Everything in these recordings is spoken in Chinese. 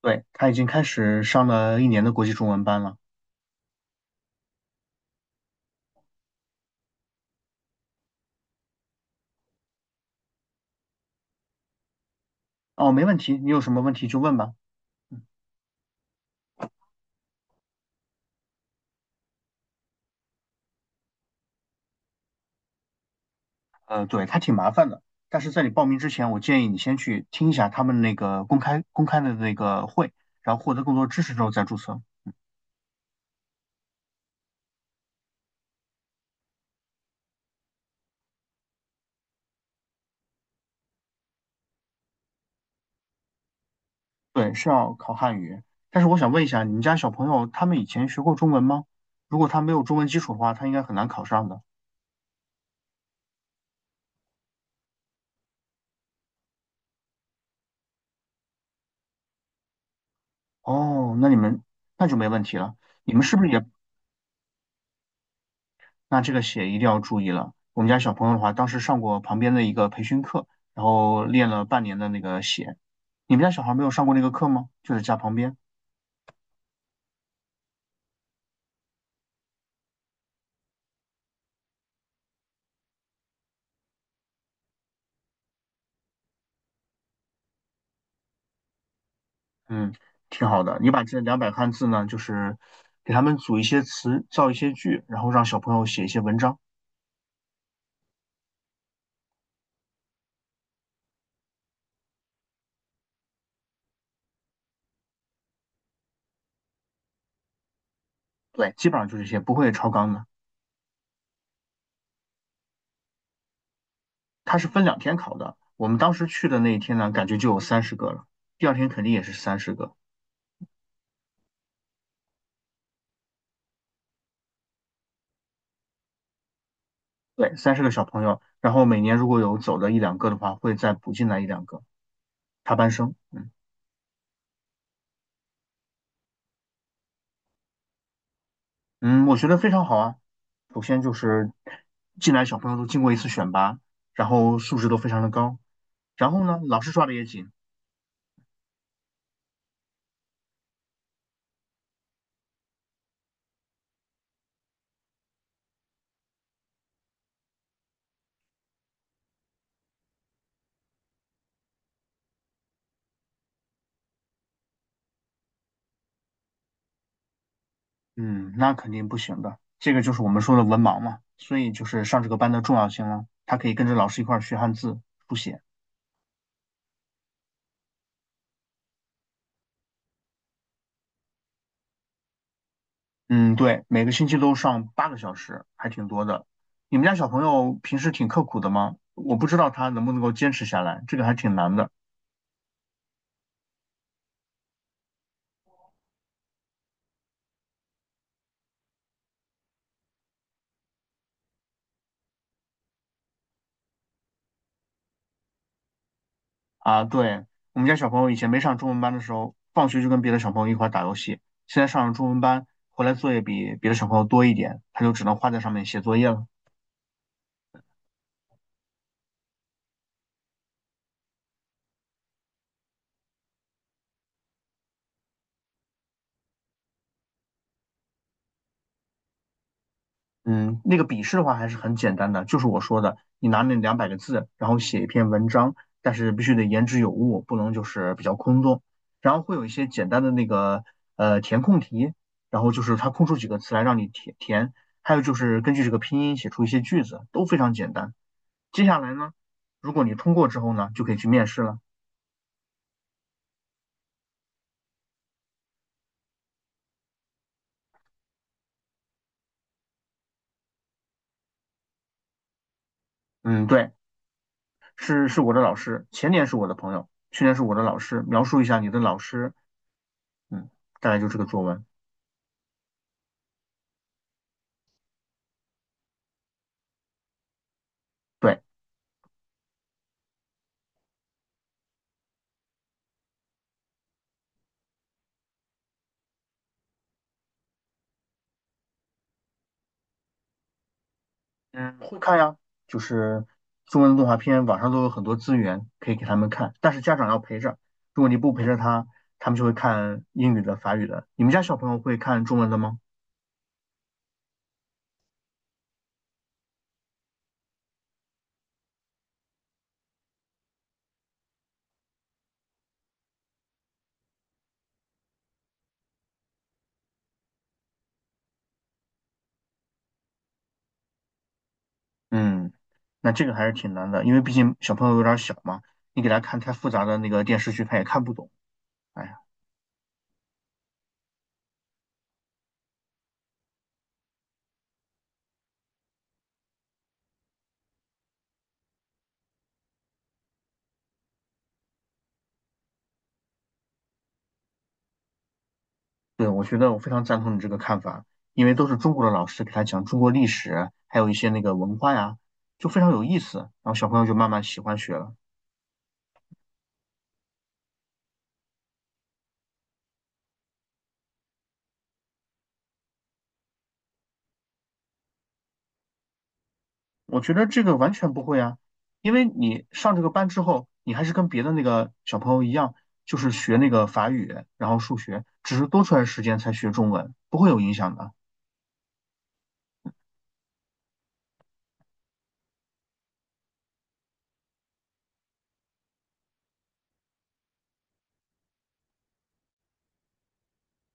对，他已经开始上了一年的国际中文班了。哦，没问题，你有什么问题就问吧。嗯，对，他挺麻烦的，但是在你报名之前，我建议你先去听一下他们那个公开的那个会，然后获得更多知识之后再注册。对，是要考汉语。但是我想问一下，你们家小朋友他们以前学过中文吗？如果他没有中文基础的话，他应该很难考上的。哦，那你们那就没问题了。你们是不是也。那这个写一定要注意了。我们家小朋友的话，当时上过旁边的一个培训课，然后练了半年的那个写。你们家小孩没有上过那个课吗？就在家旁边。嗯，挺好的。你把这两百汉字呢，就是给他们组一些词，造一些句，然后让小朋友写一些文章。对，基本上就这些，不会超纲的。它是分2天考的。我们当时去的那一天呢，感觉就有三十个了。第二天肯定也是三十个。对，三十个小朋友，然后每年如果有走的一两个的话，会再补进来一两个。插班生，嗯嗯，我觉得非常好啊。首先就是进来小朋友都经过一次选拔，然后素质都非常的高，然后呢，老师抓的也紧，嗯，那肯定不行的。这个就是我们说的文盲嘛，所以就是上这个班的重要性了。他可以跟着老师一块儿学汉字、书写，嗯，对，每个星期都上8个小时，还挺多的。你们家小朋友平时挺刻苦的吗？我不知道他能不能够坚持下来，这个还挺难的。啊，对，我们家小朋友以前没上中文班的时候，放学就跟别的小朋友一块儿打游戏。现在上了中文班，回来作业比别的小朋友多一点，他就只能花在上面写作业了。嗯，那个笔试的话还是很简单的，就是我说的，你拿那200个字，然后写一篇文章，但是必须得言之有物，不能就是比较空洞。然后会有一些简单的那个填空题，然后就是它空出几个词来让你填填，还有就是根据这个拼音写出一些句子，都非常简单。接下来呢，如果你通过之后呢，就可以去面试了。嗯，对，是我的老师，前年是我的朋友，去年是我的老师，描述一下你的老师，嗯，大概就这个作文。对，嗯，会看呀，就是中文的动画片，网上都有很多资源可以给他们看，但是家长要陪着，如果你不陪着他，他们就会看英语的、法语的。你们家小朋友会看中文的吗？嗯，那这个还是挺难的，因为毕竟小朋友有点小嘛，你给他看太复杂的那个电视剧，他也看不懂。哎。对，我觉得我非常赞同你这个看法，因为都是中国的老师给他讲中国历史，还有一些那个文化呀，就非常有意思，然后小朋友就慢慢喜欢学了。我觉得这个完全不会啊，因为你上这个班之后，你还是跟别的那个小朋友一样，就是学那个法语，然后数学，只是多出来的时间才学中文，不会有影响的。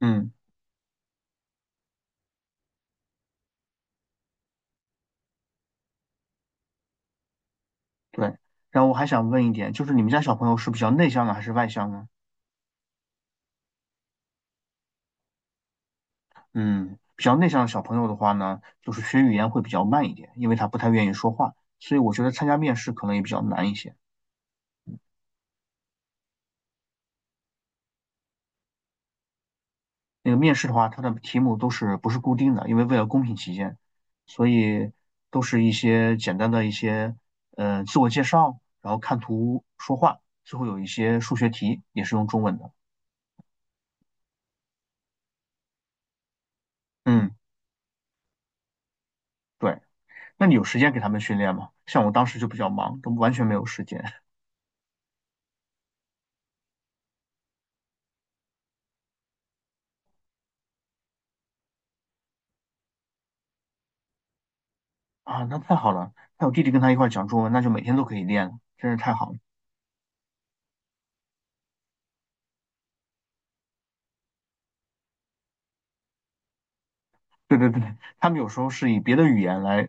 嗯，对。然后我还想问一点，就是你们家小朋友是比较内向呢，还是外向呢？嗯，比较内向的小朋友的话呢，就是学语言会比较慢一点，因为他不太愿意说话，所以我觉得参加面试可能也比较难一些。那个面试的话，它的题目都是不是固定的，因为为了公平起见，所以都是一些简单的一些自我介绍，然后看图说话，最后有一些数学题也是用中文的。嗯，对。那你有时间给他们训练吗？像我当时就比较忙，都完全没有时间 啊。那太好了，那我弟弟跟他一块儿讲中文，那就每天都可以练了真是太好了。对对对，他们有时候是以别的语言来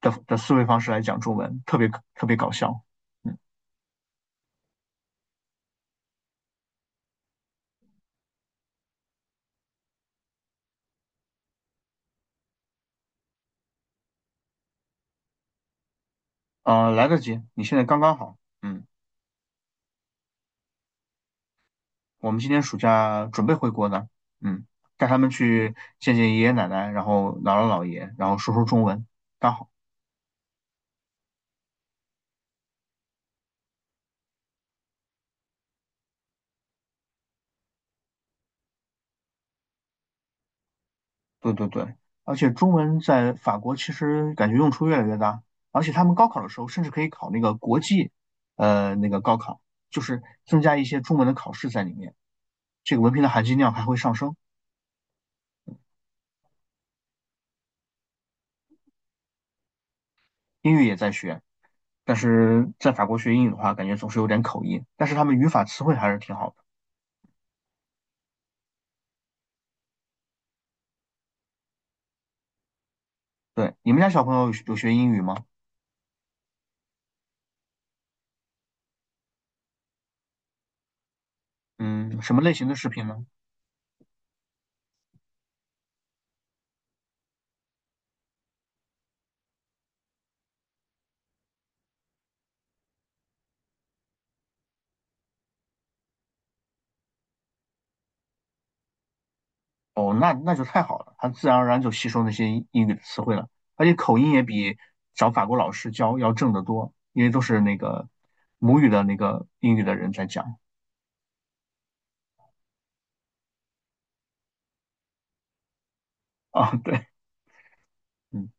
的思维方式来讲中文，特别特别搞笑。嗯，来得及，你现在刚刚好。嗯，我们今年暑假准备回国呢。嗯，带他们去见见爷爷奶奶，然后姥姥姥爷，然后说说中文，刚好。对对对，而且中文在法国其实感觉用处越来越大，而且他们高考的时候甚至可以考那个国际，那个高考，就是增加一些中文的考试在里面，这个文凭的含金量还会上升。英语也在学，但是在法国学英语的话，感觉总是有点口音。但是他们语法词汇还是挺好的。对，你们家小朋友有学英语吗？嗯，什么类型的视频呢？哦，那就太好了，他自然而然就吸收那些英语的词汇了，而且口音也比找法国老师教要正得多，因为都是那个母语的那个英语的人在讲啊。对，嗯，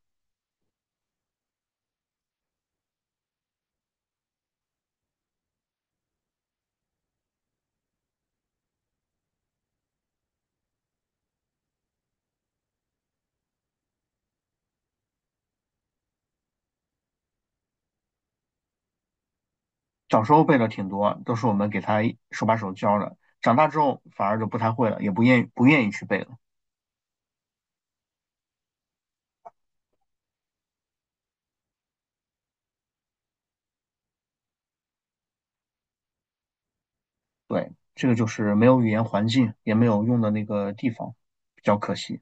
小时候背的挺多，都是我们给他手把手教的，长大之后反而就不太会了，也不愿意去背了。对，这个就是没有语言环境，也没有用的那个地方，比较可惜。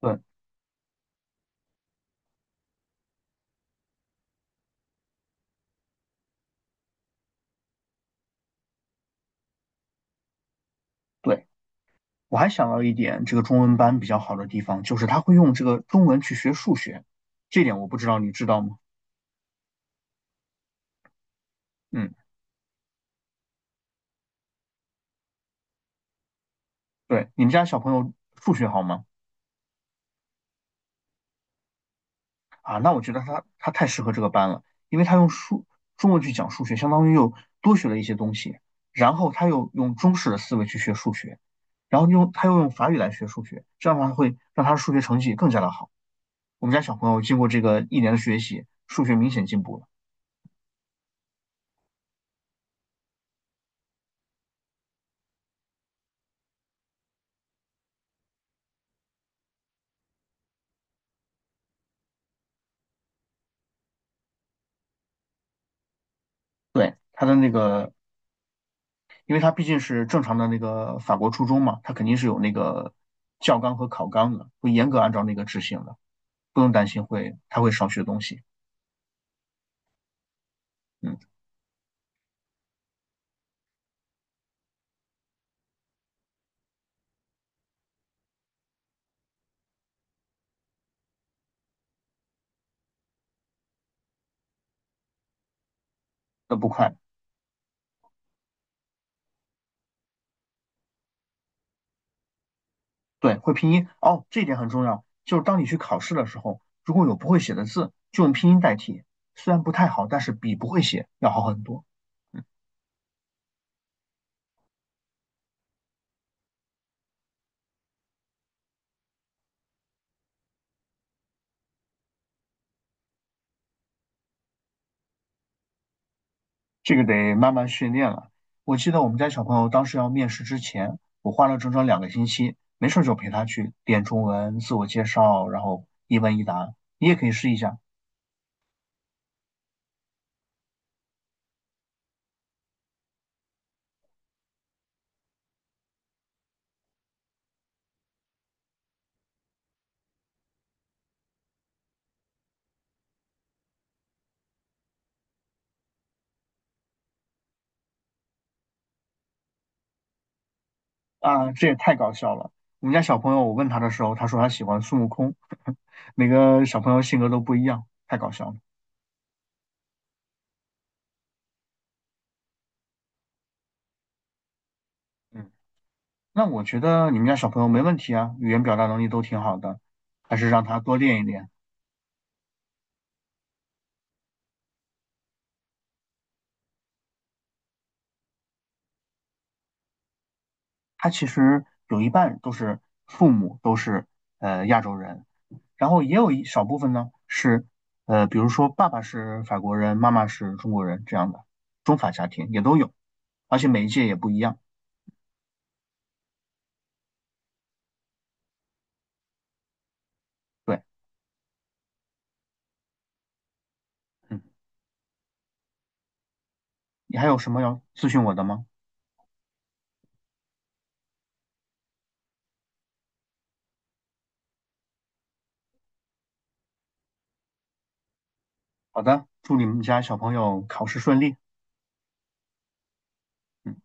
对对，我还想到一点，这个中文班比较好的地方就是他会用这个中文去学数学，这点我不知道你知道吗？嗯，对，你们家小朋友数学好吗？啊，那我觉得他太适合这个班了，因为他用中文去讲数学，相当于又多学了一些东西，然后他又用中式的思维去学数学，然后他又用法语来学数学，这样的话会让他的数学成绩更加的好。我们家小朋友经过这个一年的学习，数学明显进步了。对，他的那个，因为他毕竟是正常的那个法国初中嘛，他肯定是有那个教纲和考纲的，会严格按照那个执行的，不用担心会他会少学东西。嗯，那不快。对，会拼音哦，这一点很重要。就是当你去考试的时候，如果有不会写的字，就用拼音代替，虽然不太好，但是比不会写要好很多。嗯。这个得慢慢训练了。我记得我们家小朋友当时要面试之前，我花了整整2个星期，没事就陪他去练中文、自我介绍，然后一问一答。你也可以试一下啊，这也太搞笑了。我们家小朋友，我问他的时候，他说他喜欢孙悟空，每个小朋友性格都不一样，太搞笑了。嗯，那我觉得你们家小朋友没问题啊，语言表达能力都挺好的，还是让他多练一练。他其实有一半都是父母都是亚洲人。然后也有一少部分呢是，比如说爸爸是法国人，妈妈是中国人这样的中法家庭也都有，而且每一届也不一样。对，嗯，你还有什么要咨询我的吗？好的，祝你们家小朋友考试顺利。嗯。